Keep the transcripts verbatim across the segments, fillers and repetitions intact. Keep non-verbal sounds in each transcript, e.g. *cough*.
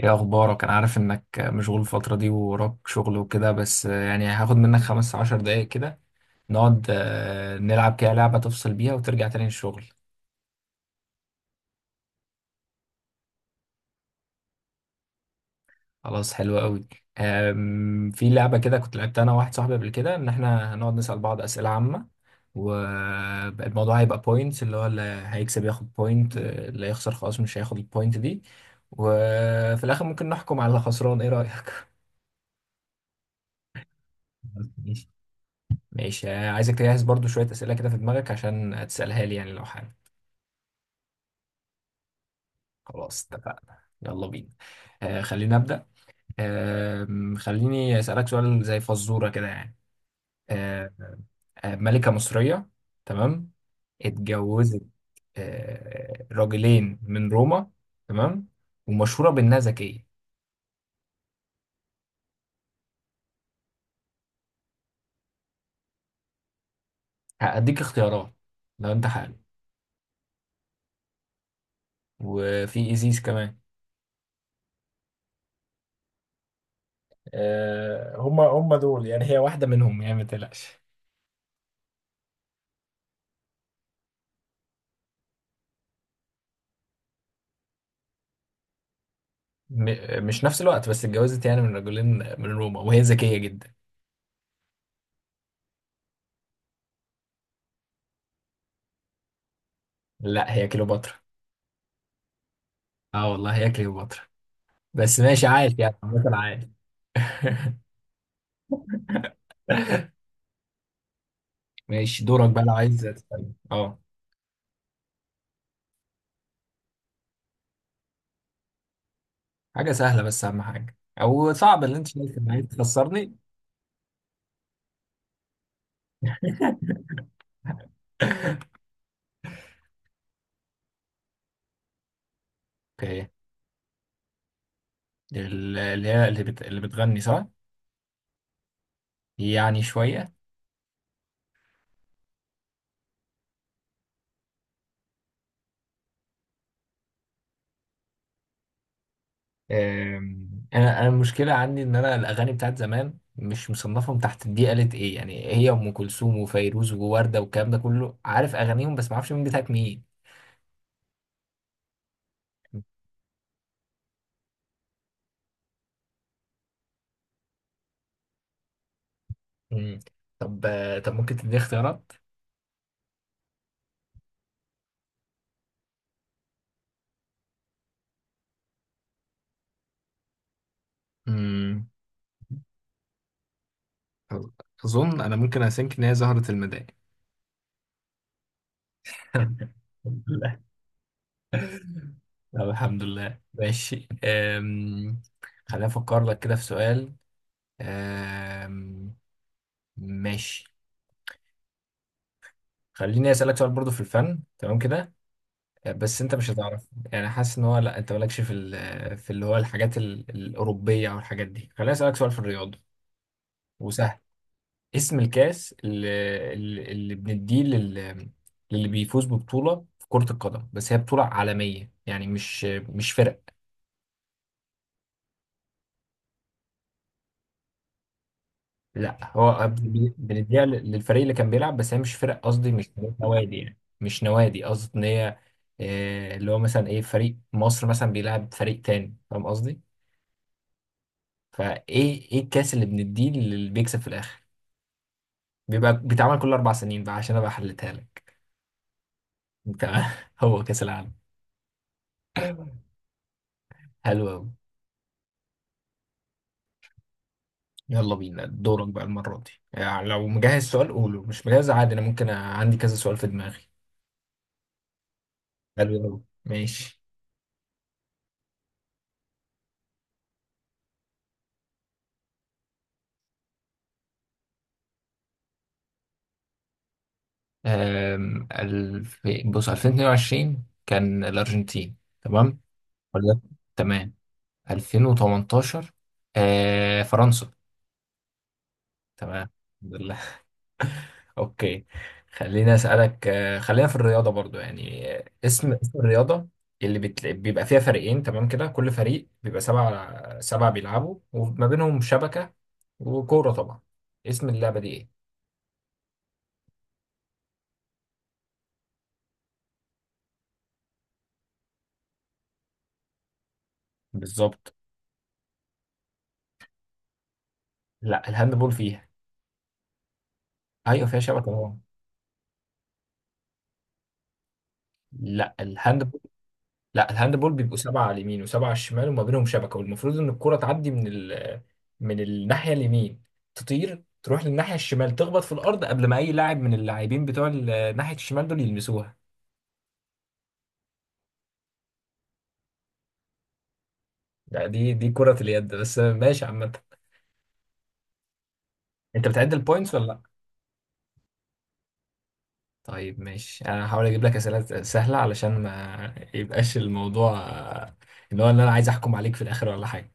ايه اخبارك؟ انا عارف انك مشغول الفترة دي ووراك شغل وكده، بس يعني هاخد منك خمستاشر دقايق كده، نقعد آه، نلعب كده لعبة تفصل بيها وترجع تاني الشغل. خلاص حلو قوي. آم، في لعبة كده كنت لعبتها انا وواحد صاحبي قبل كده، ان احنا هنقعد نسأل بعض أسئلة عامة، والموضوع هيبقى بوينتس، اللي هو اللي هيكسب ياخد بوينت، اللي هيخسر خلاص مش هياخد البوينت دي، وفي الاخر ممكن نحكم على الخسران. ايه رأيك؟ *laughs* ماشي. آه، عايزك تجهز برضو شوية أسئلة كده في دماغك عشان تسألها لي يعني، لو حابب. خلاص اتفقنا، يلا بينا. آه خلينا أبدأ. آه خليني أسألك سؤال زي فزورة كده يعني. آه آه، ملكة مصرية. تمام. اتجوزت آه راجلين من روما. تمام. ومشهورة بإنها ذكية. هأديك اختيارات لو أنت حابب. وفي إيزيس كمان. آه، هما هما دول يعني، هي واحدة منهم يعني، ما تقلقش. م- مش نفس الوقت، بس اتجوزت يعني من رجلين من روما، وهي ذكية جدا. لا، هي كليوباترا. اه والله هي كليوباترا. بس ماشي، عايش يعني، مثلا عايش. *laughs* ماشي، دورك بقى لو عايز تسألني. اه، حاجة سهلة بس أهم حاجة، أو صعب اللي أنت شايف إن عايز تخسرني. *laughs* اوكي. ال- اللي هي اللي، بت... اللي بتغني، صح؟ يعني شوية. آم، انا انا المشكله عندي ان انا الاغاني بتاعت زمان مش مصنفهم تحت دي قالت ايه، يعني هي ام كلثوم وفيروز ووردة والكلام ده كله، عارف اغانيهم بس ما اعرفش مين بتاعت مين. مم. طب آه، طب ممكن تديني اختيارات؟ مم، أظ- أظن أنا ممكن أسينك إن هي زهرة المداح. *laughs* الحمد لله. طب الحمد لله، ماشي. أم... خليني افكر لك كده في سؤال. أم... ماشي. خليني اسالك سؤال برضو في الفن، تمام كده، بس انت مش هتعرف يعني، حاسس ان هو، لا انت مالكش في ال- في اللي هو الحاجات ال- الاوروبيه او الحاجات دي. خليني اسالك سؤال في الرياضه وسهل. اسم الكاس اللي، اللي اللي بنديه لل- للي بيفوز ببطوله في كره القدم، بس هي بطوله عالميه يعني، مش مش فرق. لا، هو بن- بنديها لل- للفريق اللي كان بيلعب، بس هي مش فرق قصدي، مش نوادي يعني، مش نوادي قصدي ان هي، آه، اللي هو مثلا ايه، فريق مصر مثلا بيلعب فريق تاني، فاهم قصدي؟ فايه، ايه الكاس اللي بنديه اللي بيكسب في الاخر، بيبقى بيتعمل كل أربع سنين بقى، عشان ابقى حلتها لك. تمام. *laughs* هو كاس العالم. حلو قوي. يلا بينا، دورك بقى المره دي، يعني لو مجهز سؤال قوله، مش مجهز عادي، انا ممكن أ- عندي كذا سؤال في دماغي. حلو قوي، ماشي. أم... الف... بص، ألفين واتنين وعشرين كان الارجنتين. تمام. ولا، تمام. ألفين وتمنتاشر آه... فرنسا. تمام. اوكي. خليني اسالك آه، خلينا في الرياضه برضو يعني. آه، اسم اسم الرياضه اللي بتل... بيبقى فيها فريقين، تمام كده، كل فريق بيبقى سبعة سبعة بيلعبوا، وما بينهم شبكه وكوره طبعا. اسم اللعبه دي ايه؟ بالظبط. لا، الهاندبول فيها. ايوه، فيها شبكه طبعا. لا الهاند. لا، الهاندبول بيبقوا سبعة على اليمين وسبعة على الشمال وما بينهم شبكة، والمفروض إن الكرة تعدي من ال... من الناحية اليمين، تطير تروح للناحية الشمال، تخبط في الأرض قبل ما أي لاعب من اللاعبين بتوع ال- ناحية الشمال دول يلمسوها. لا، دي دي كرة اليد بس، ماشي عامة. أنت بتعد البوينتس ولا لأ؟ طيب ماشي، أنا هحاول أجيب لك أسئلة سهلة علشان ما يبقاش الموضوع، آه، اللي هو اللي أنا عايز أحكم عليك في الآخر ولا حاجة.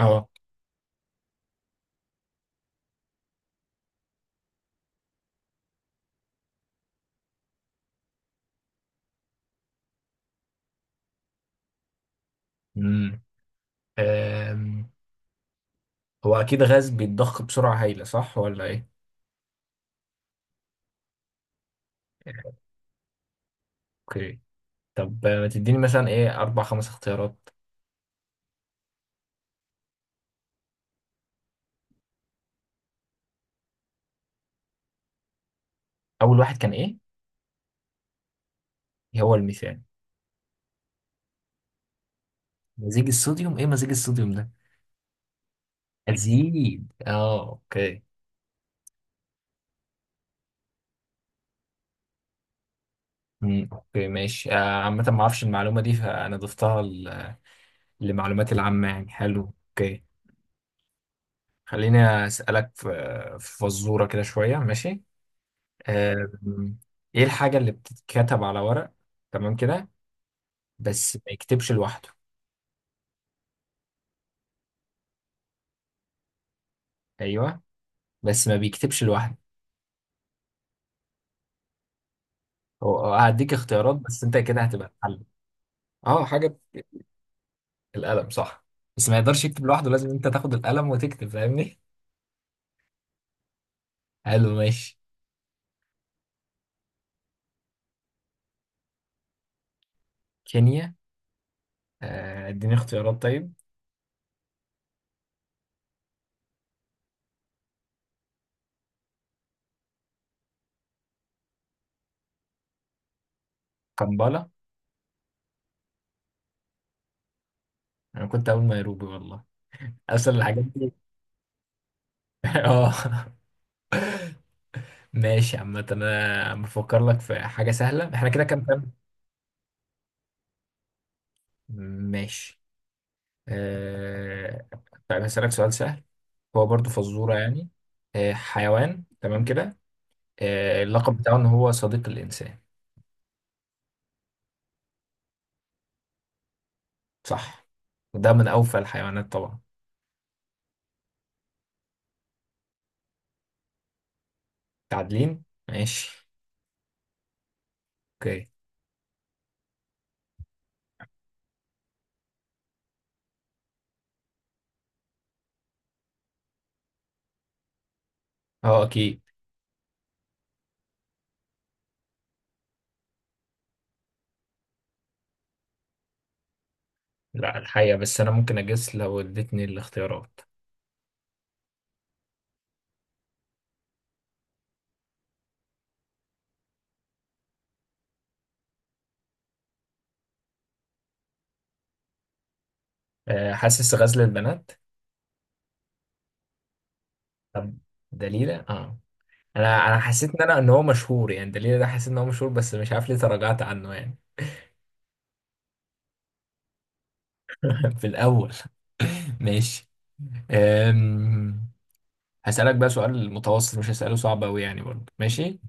أه. أمم أم، هو أكيد غاز بيتضخ بسرعة هايلة، صح ولا إيه؟ اوكي. طب ما تديني مثلا ايه اربع خمس اختيارات. اول واحد كان ايه؟ هو الميثان. مزيج الصوديوم، ايه مزيج الصوديوم ده؟ الزيد، اه، اوكي. امم اوكي ماشي. آه، عامة ما اعرفش المعلومة دي، فانا ضفتها ل- لمعلوماتي العامة يعني. حلو، اوكي. خليني اسألك في في فزورة كده شوية، ماشي. آم، ايه الحاجة اللي بتتكتب على ورق، تمام كده، بس ما يكتبش لوحده؟ ايوه، بس ما بيكتبش لوحده. هو هو هديك اختيارات، بس انت كده هتبقى حل. اه، حاجة. القلم، صح. بس ما يقدرش يكتب لوحده، لازم انت تاخد القلم وتكتب، فاهمني؟ حلو ماشي. كينيا. آه، اديني اختيارات طيب. كمبالا. انا كنت اقول نيروبي والله. اسال الحاجات دي. *laughs* اه ماشي. عامة انا بفكر لك في حاجة سهلة. احنا كده كام كام؟ ماشي. أه... طيب هسألك سؤال سهل، هو برضو فزورة يعني. أه حيوان، تمام كده، أه اللقب بتاعه ان هو صديق الانسان. صح، وده من اوفى الحيوانات طبعا. تعادلين، ماشي. اوكي. اه اكيد. لا الحقيقة، بس انا ممكن اجس لو اديتني الاختيارات. أه حاسس غزل البنات. طب دليلة، اه. انا انا حسيت ان انا ان هو مشهور يعني، دليلة ده حسيت ان هو مشهور، بس مش عارف ليه تراجعت عنه يعني. *laughs* في الاول. ماشي. أم... هسألك بقى سؤال متوسط، مش هسأله صعب أوي يعني، برضه ماشي.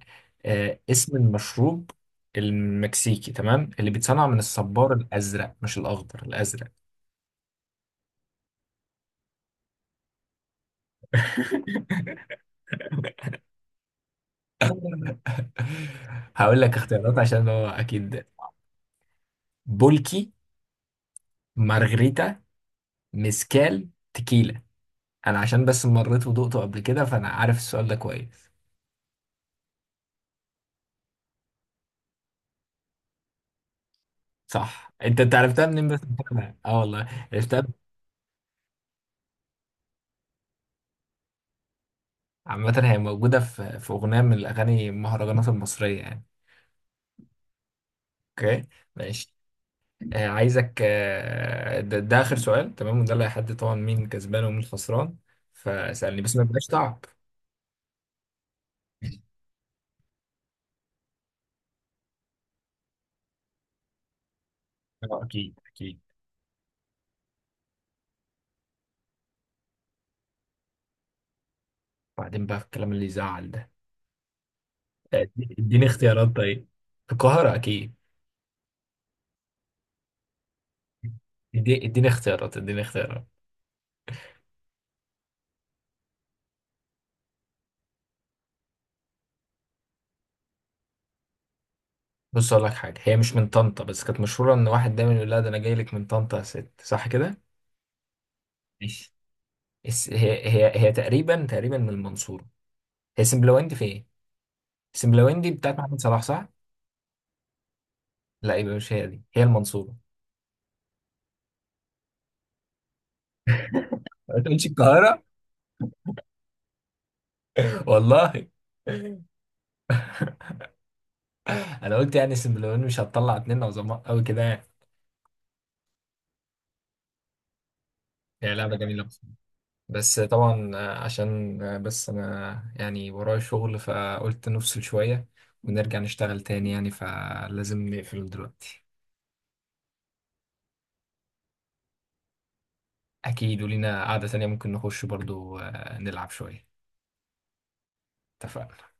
أه اسم المشروب المكسيكي، تمام، اللي بيتصنع من الصبار الأزرق، مش الأخضر، الأزرق. *laughs* *laughs* هقول لك اختيارات عشان هو اكيد. بولكي، مارغريتا، ميسكال، تكيلا. انا عشان بس مريت ودقته قبل كده، فانا عارف السؤال ده كويس. صح، انت انت عرفتها منين بس؟ اه والله عرفتها. عامة هي موجودة في في أغنية من الأغاني المهرجانات المصرية يعني. أوكي ماشي. آه، عايزك، آه، ده, ده آخر سؤال تمام، وده اللي هيحدد طبعا مين كسبان ومين خسران. فسألني بس ما يبقاش تعب. اه اكيد اكيد. بعدين بقى في الكلام اللي يزعل ده. اديني اختيارات طيب، في القاهرة أكيد. ادي- اديني اختيارات اديني اختيارات بص أقول لك حاجة، هي مش من طنطا، بس كانت مشهورة إن واحد دايما يقول لها: ده أنا جاي لك من طنطا يا ست، صح كده؟ ماشي. الس- هي هي هي تقريبا تقريبا من المنصورة. هي سمبلويندي في إيه؟ سمبلويندي بتاعت محمد صلاح، صح؟ لا، يبقى مش هي دي، هي المنصورة. ما تقولش القاهرة. *laughs* والله. أنا قلت يعني سمبلويندي مش هتطلع اتنين عظماء أوي كده يعني. هي لعبة جميلة، بس طبعا عشان بس انا يعني ورايا شغل، فقلت نفصل شوية ونرجع نشتغل تاني يعني، فلازم نقفل دلوقتي. اكيد، ولينا قعدة تانية، ممكن نخش برضو آه، نلعب شوية. اتفقنا.